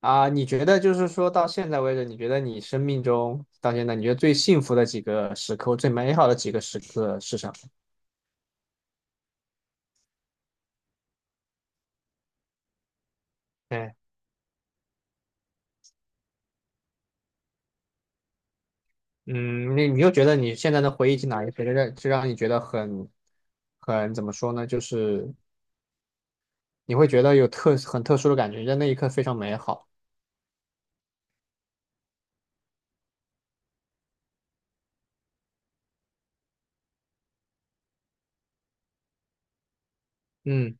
啊，你觉得就是说到现在为止，你觉得你生命中到现在，你觉得最幸福的几个时刻，最美好的几个时刻是什么？对，嗯，你又觉得你现在的回忆起哪一些让你觉得很怎么说呢？就是你会觉得有很特殊的感觉，在那一刻非常美好。嗯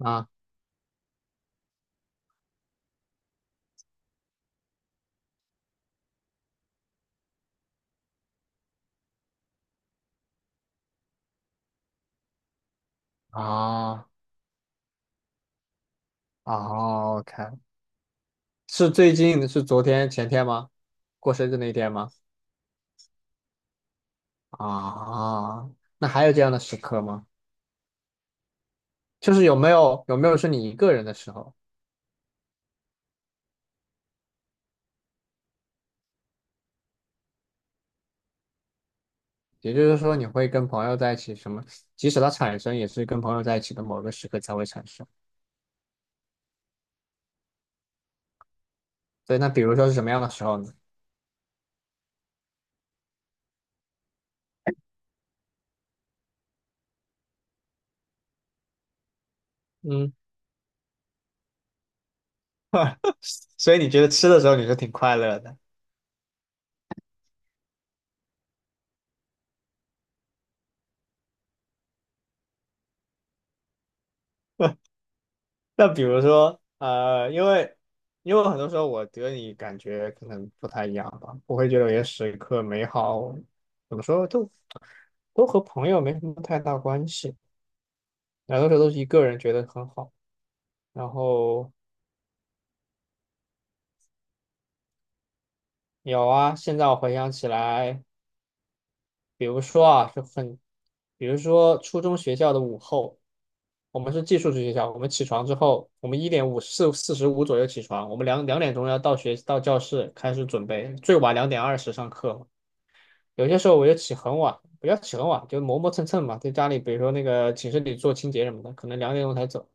啊啊啊！OK，是最近是昨天前天吗？过生日那一天吗？啊，那还有这样的时刻吗？就是有没有是你一个人的时候，也就是说你会跟朋友在一起什么，即使它产生也是跟朋友在一起的某个时刻才会产生。对，那比如说是什么样的时候呢？嗯，所以你觉得吃的时候你是挺快乐的？那比如说，因为很多时候我觉得你感觉可能不太一样吧，我会觉得有些时刻美好，怎么说都和朋友没什么太大关系，很多时候都是一个人觉得很好。然后有啊，现在我回想起来，比如说啊，比如说初中学校的午后，我们是寄宿制学校，我们起床之后，我们一点五四四十五左右起床，我们两点钟要到教室开始准备，最晚2点20上课。有些时候我就起很晚，不要起很晚，就磨磨蹭蹭嘛，在家里，比如说那个寝室里做清洁什么的，可能两点钟才走。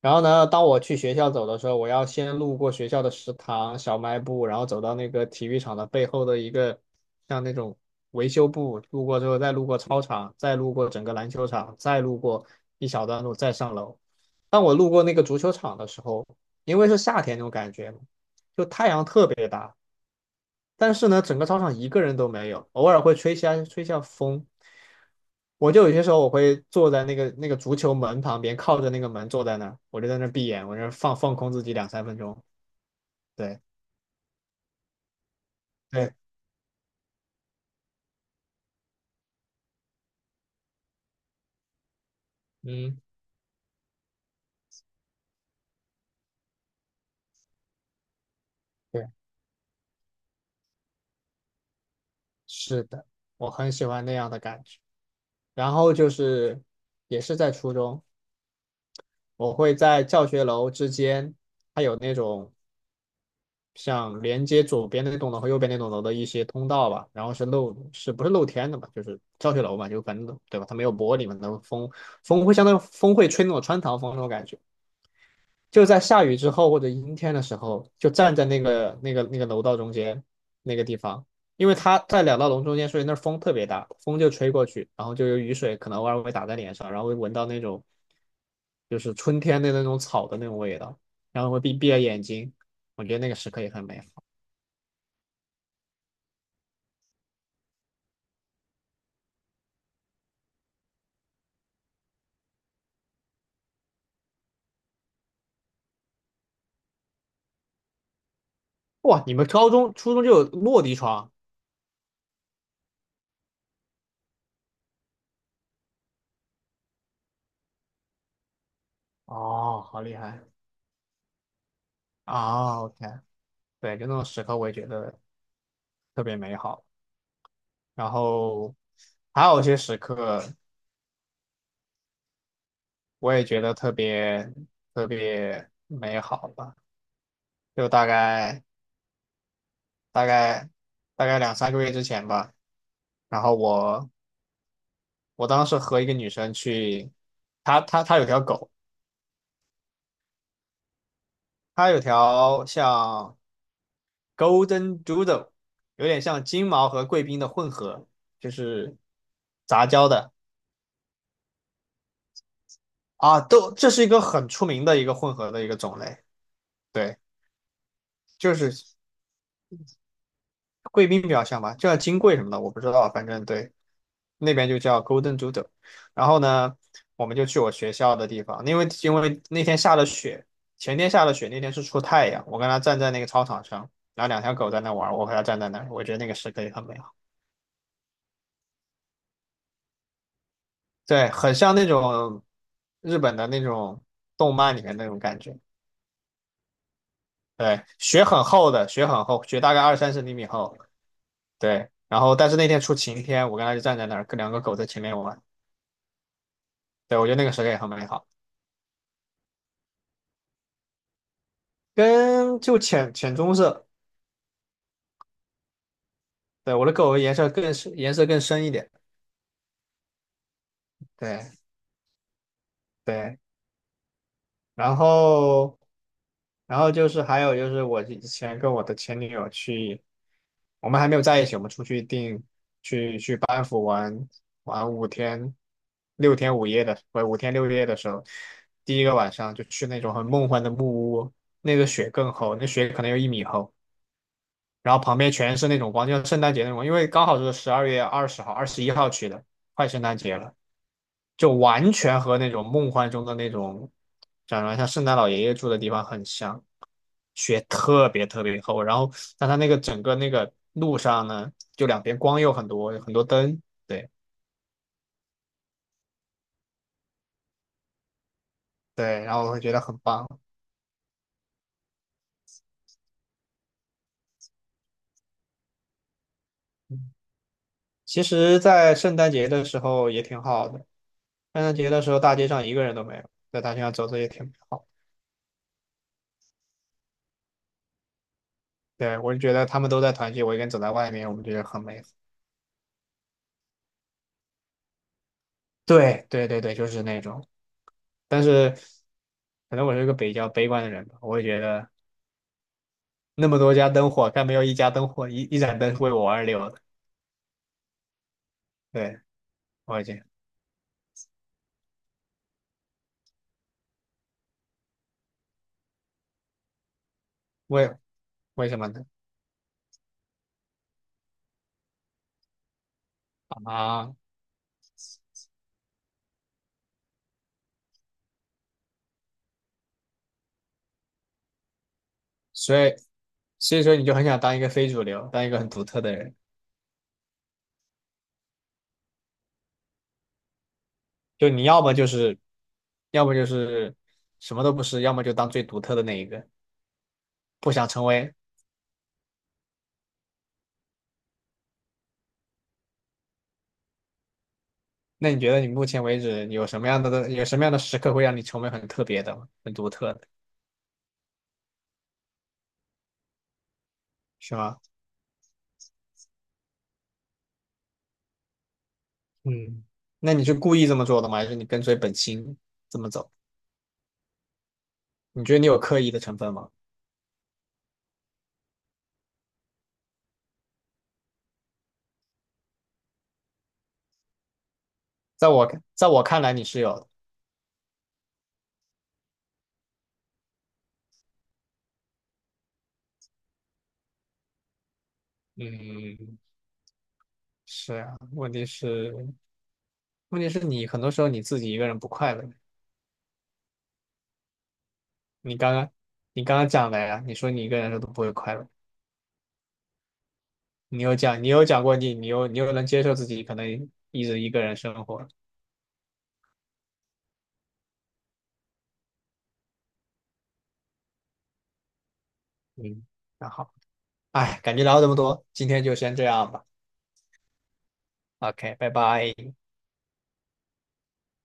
然后呢，当我去学校走的时候，我要先路过学校的食堂、小卖部，然后走到那个体育场的背后的一个像那种维修部，路过之后再路过操场，再路过整个篮球场，再路过一小段路，再上楼。当我路过那个足球场的时候，因为是夏天那种感觉嘛，就太阳特别大，但是呢，整个操场一个人都没有，偶尔会吹下风。我就有些时候我会坐在那个足球门旁边，靠着那个门坐在那儿，我就在那儿闭眼，我就放空自己2、3分钟。对对，嗯，对，是的，我很喜欢那样的感觉。然后就是也是在初中，我会在教学楼之间，它有那种像连接左边那栋楼和右边那栋楼的一些通道吧，然后是不是露天的嘛？就是教学楼嘛，就反正对吧？它没有玻璃嘛，那后风会相当于风会吹那种穿堂风那种感觉。就在下雨之后或者阴天的时候，就站在那个楼道中间那个地方，因为它在两道楼中间，所以那风特别大，风就吹过去，然后就有雨水可能偶尔会打在脸上，然后会闻到那种就是春天的那种草的那种味道，然后会闭着眼睛，我觉得那个时刻也很美好。哇，你们高中、初中就有落地窗？哦，好厉害啊！OK，对，就那种时刻我也觉得特别美好。然后还有一些时刻我也觉得特别特别美好吧，就大概大概2、3个月之前吧。然后我当时和一个女生去，她有条狗，她有条像 Golden Doodle，有点像金毛和贵宾的混合，就是杂交的啊，都这是一个很出名的一个混合的一个种类，对，就是贵宾比较像吧，就像金贵什么的，我不知道，反正对，那边就叫 Golden Doodle。然后呢，我们就去我学校的地方，因为那天下了雪，前天下了雪，那天是出太阳，我跟他站在那个操场上，然后两条狗在那玩，我和他站在那儿，我觉得那个时刻也很美好。对，很像那种日本的那种动漫里面那种感觉。对，雪很厚的，雪很厚，雪大概20、30厘米厚。对，然后但是那天出晴天，我跟他就站在那儿，跟两个狗在前面玩。对，我觉得那个时刻也很美好，就浅浅棕色。对，我的狗颜色更深，颜色更深一点。对对。然后，就是还有就是我以前跟我的前女友去，我们还没有在一起，我们出去订去班夫玩玩六天五夜的，不是5天6夜的时候，第一个晚上就去那种很梦幻的木屋，那个雪更厚，那雪可能有1米厚，然后旁边全是那种光，就像圣诞节那种光，因为刚好是12月20号、21号去的，快圣诞节了。就完全和那种梦幻中的那种，长得像圣诞老爷爷住的地方很像，雪特别特别厚，然后但它那个整个那个路上呢，就两边光又很多有很多灯，对对，然后我会觉得很棒。其实，在圣诞节的时候也挺好的，圣诞节的时候大街上一个人都没有，在大街上走走也挺好。对，我就觉得他们都在团聚，我一个人走在外面，我们觉得很美好。对对对对，就是那种。但是可能我是一个比较悲观的人吧，我会觉得那么多家灯火，但没有一家灯火，一盏灯是为我而留的。对，我已经为为什么呢？啊，所以所以说你就很想当一个非主流，当一个很独特的人，就你要么就是什么都不是，要么就当最独特的那一个，不想成为。那你觉得你目前为止有什么样的时刻会让你成为很特别的吗很独特的，是吗？嗯，那你是故意这么做的吗？还是你跟随本心这么走？你觉得你有刻意的成分吗？在我在我看来你是有的。嗯，是啊，问题是你很多时候你自己一个人不快乐。你刚刚你刚刚讲的呀，你说你一个人的时候都不会快乐。你有讲过你又能接受自己可能一直一个人生活，嗯，那好，哎，感觉聊了这么多，今天就先这样吧。OK，拜拜。